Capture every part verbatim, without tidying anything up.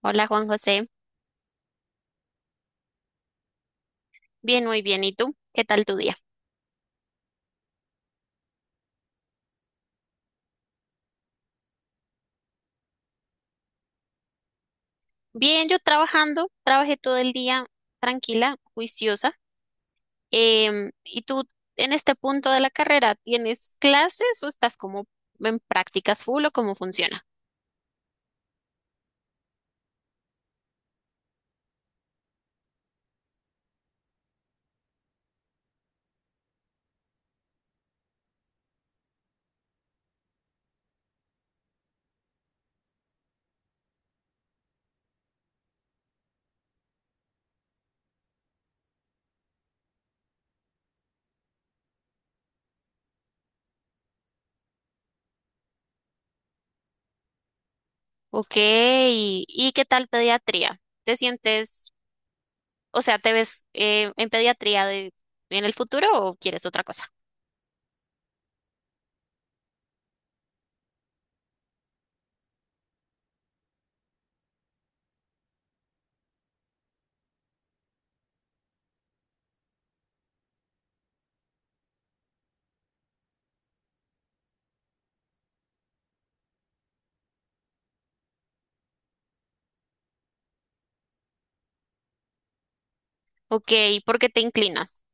Hola Juan José, bien, muy bien. ¿Y tú? ¿Qué tal tu día? Bien, yo trabajando, trabajé todo el día tranquila, juiciosa. Em, ¿y tú en este punto de la carrera tienes clases o estás como en prácticas full o cómo funciona? Ok, ¿y, y qué tal pediatría? ¿Te sientes, o sea, te ves eh, en pediatría de, en el futuro o quieres otra cosa? Ok, ¿por qué te inclinas?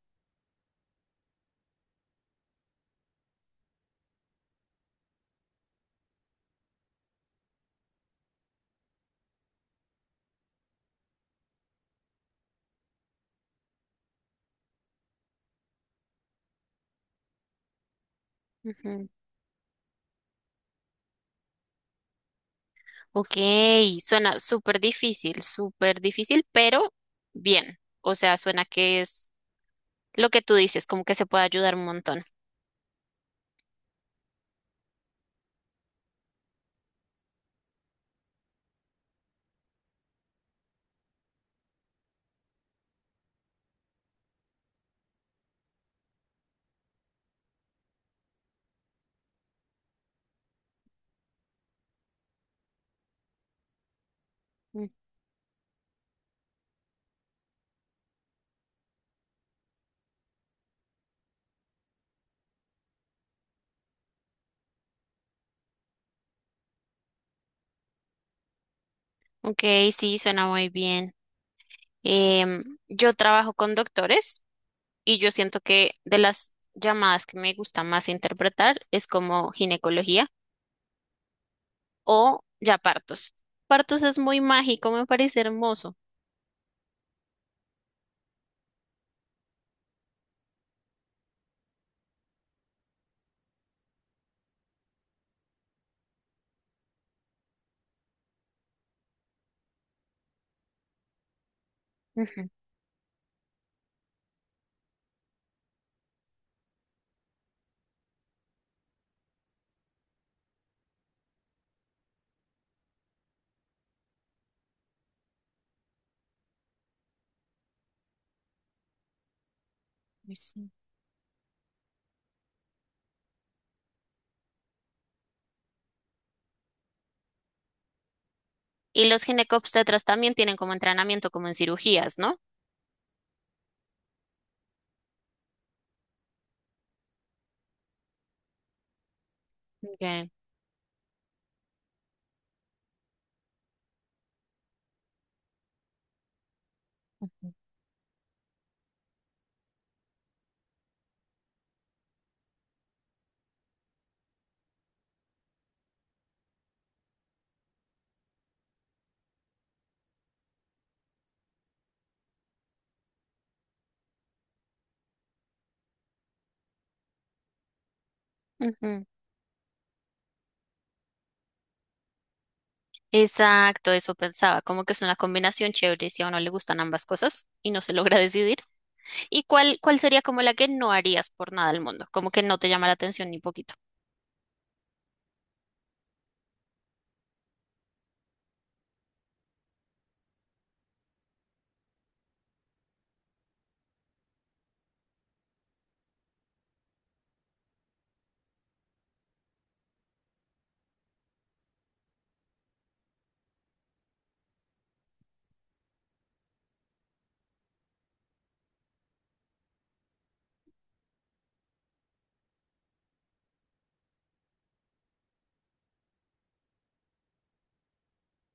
Ok, suena súper difícil, súper difícil, pero bien. O sea, suena que es lo que tú dices, como que se puede ayudar un montón. Mm. Ok, sí, suena muy bien. Em, yo trabajo con doctores y yo siento que de las llamadas que me gusta más interpretar es como ginecología o ya partos. Partos es muy mágico, me parece hermoso. Ujú, ay, sí. Y los ginecobstetras también tienen como entrenamiento, como en cirugías, ¿no? Ok. Ujú. Exacto, eso pensaba, como que es una combinación chévere si a uno le gustan ambas cosas y no se logra decidir. ¿Y cuál, cuál sería como la que no harías por nada al mundo? Como que no te llama la atención ni poquito.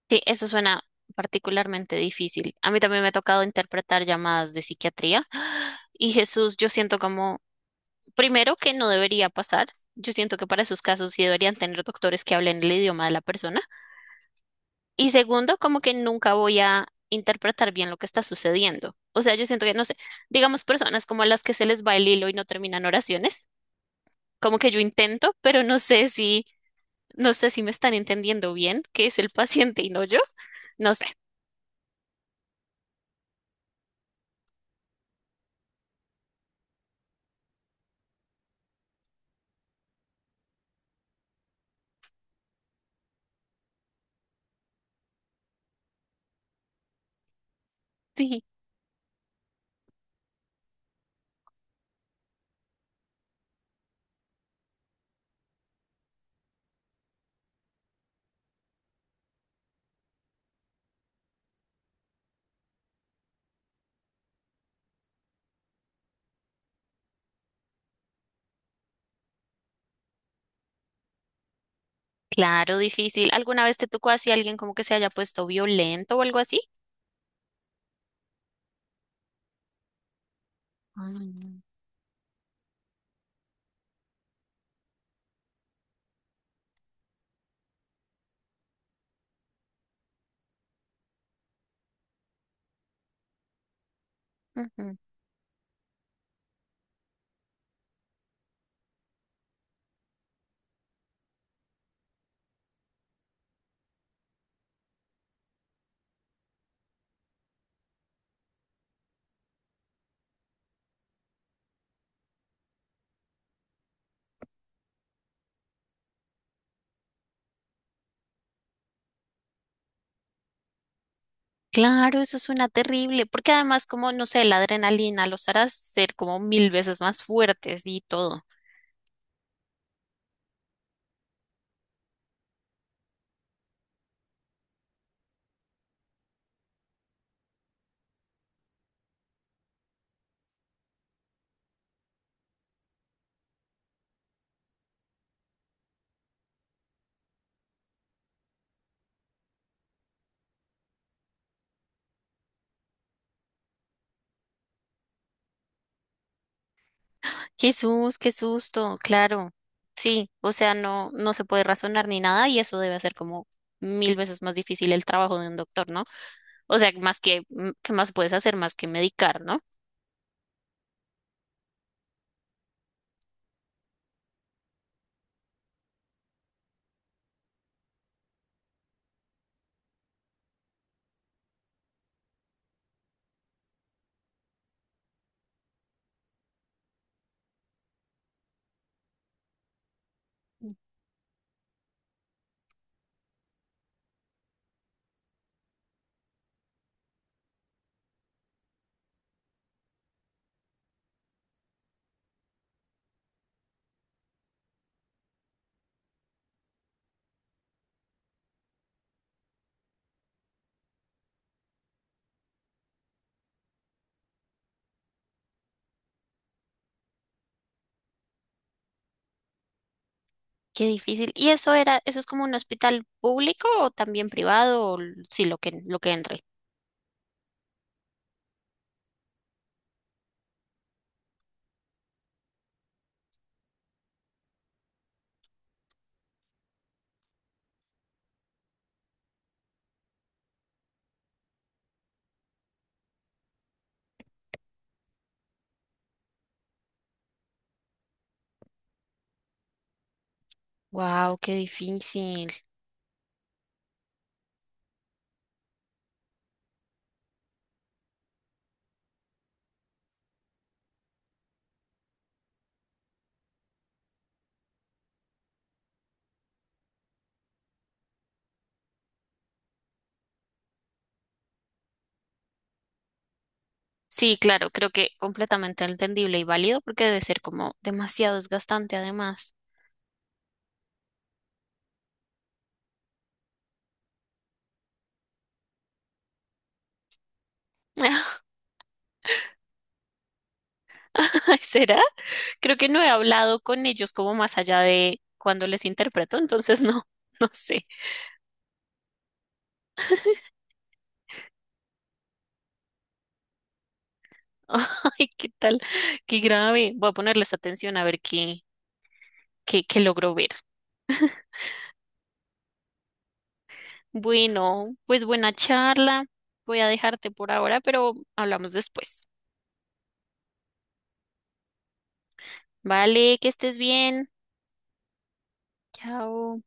Sí, eso suena particularmente difícil. A mí también me ha tocado interpretar llamadas de psiquiatría y Jesús, yo siento como, primero que no debería pasar, yo siento que para esos casos sí deberían tener doctores que hablen el idioma de la persona. Y segundo, como que nunca voy a interpretar bien lo que está sucediendo. O sea, yo siento que, no sé, digamos personas como las que se les va el hilo y no terminan oraciones, como que yo intento, pero no sé si, no sé si me están entendiendo bien, que es el paciente y no yo. No sé. Claro, difícil. ¿Alguna vez te tocó así alguien como que se haya puesto violento o algo así? Ujú. Claro, eso suena terrible, porque además como, no sé, la adrenalina los hará ser como mil veces más fuertes y todo. Jesús, qué susto, claro. Sí, o sea, no, no se puede razonar ni nada y eso debe hacer como mil veces más difícil el trabajo de un doctor, ¿no? O sea, más que, mm, ¿qué más puedes hacer más que medicar, ¿no? Qué difícil. ¿Y eso era, eso es como un hospital público o también privado o l- sí, lo que, lo que entre? Wow, qué difícil. Sí, claro, creo que completamente entendible y válido porque debe ser como demasiado desgastante además. Ay, ¿será? Creo que no he hablado con ellos como más allá de cuando les interpreto, entonces no, no sé. Ay, qué tal, qué grave. Voy a ponerles atención a ver qué, qué, qué logro ver. Bueno, pues buena charla. Voy a dejarte por ahora, pero hablamos después. Vale, que estés bien. Chao.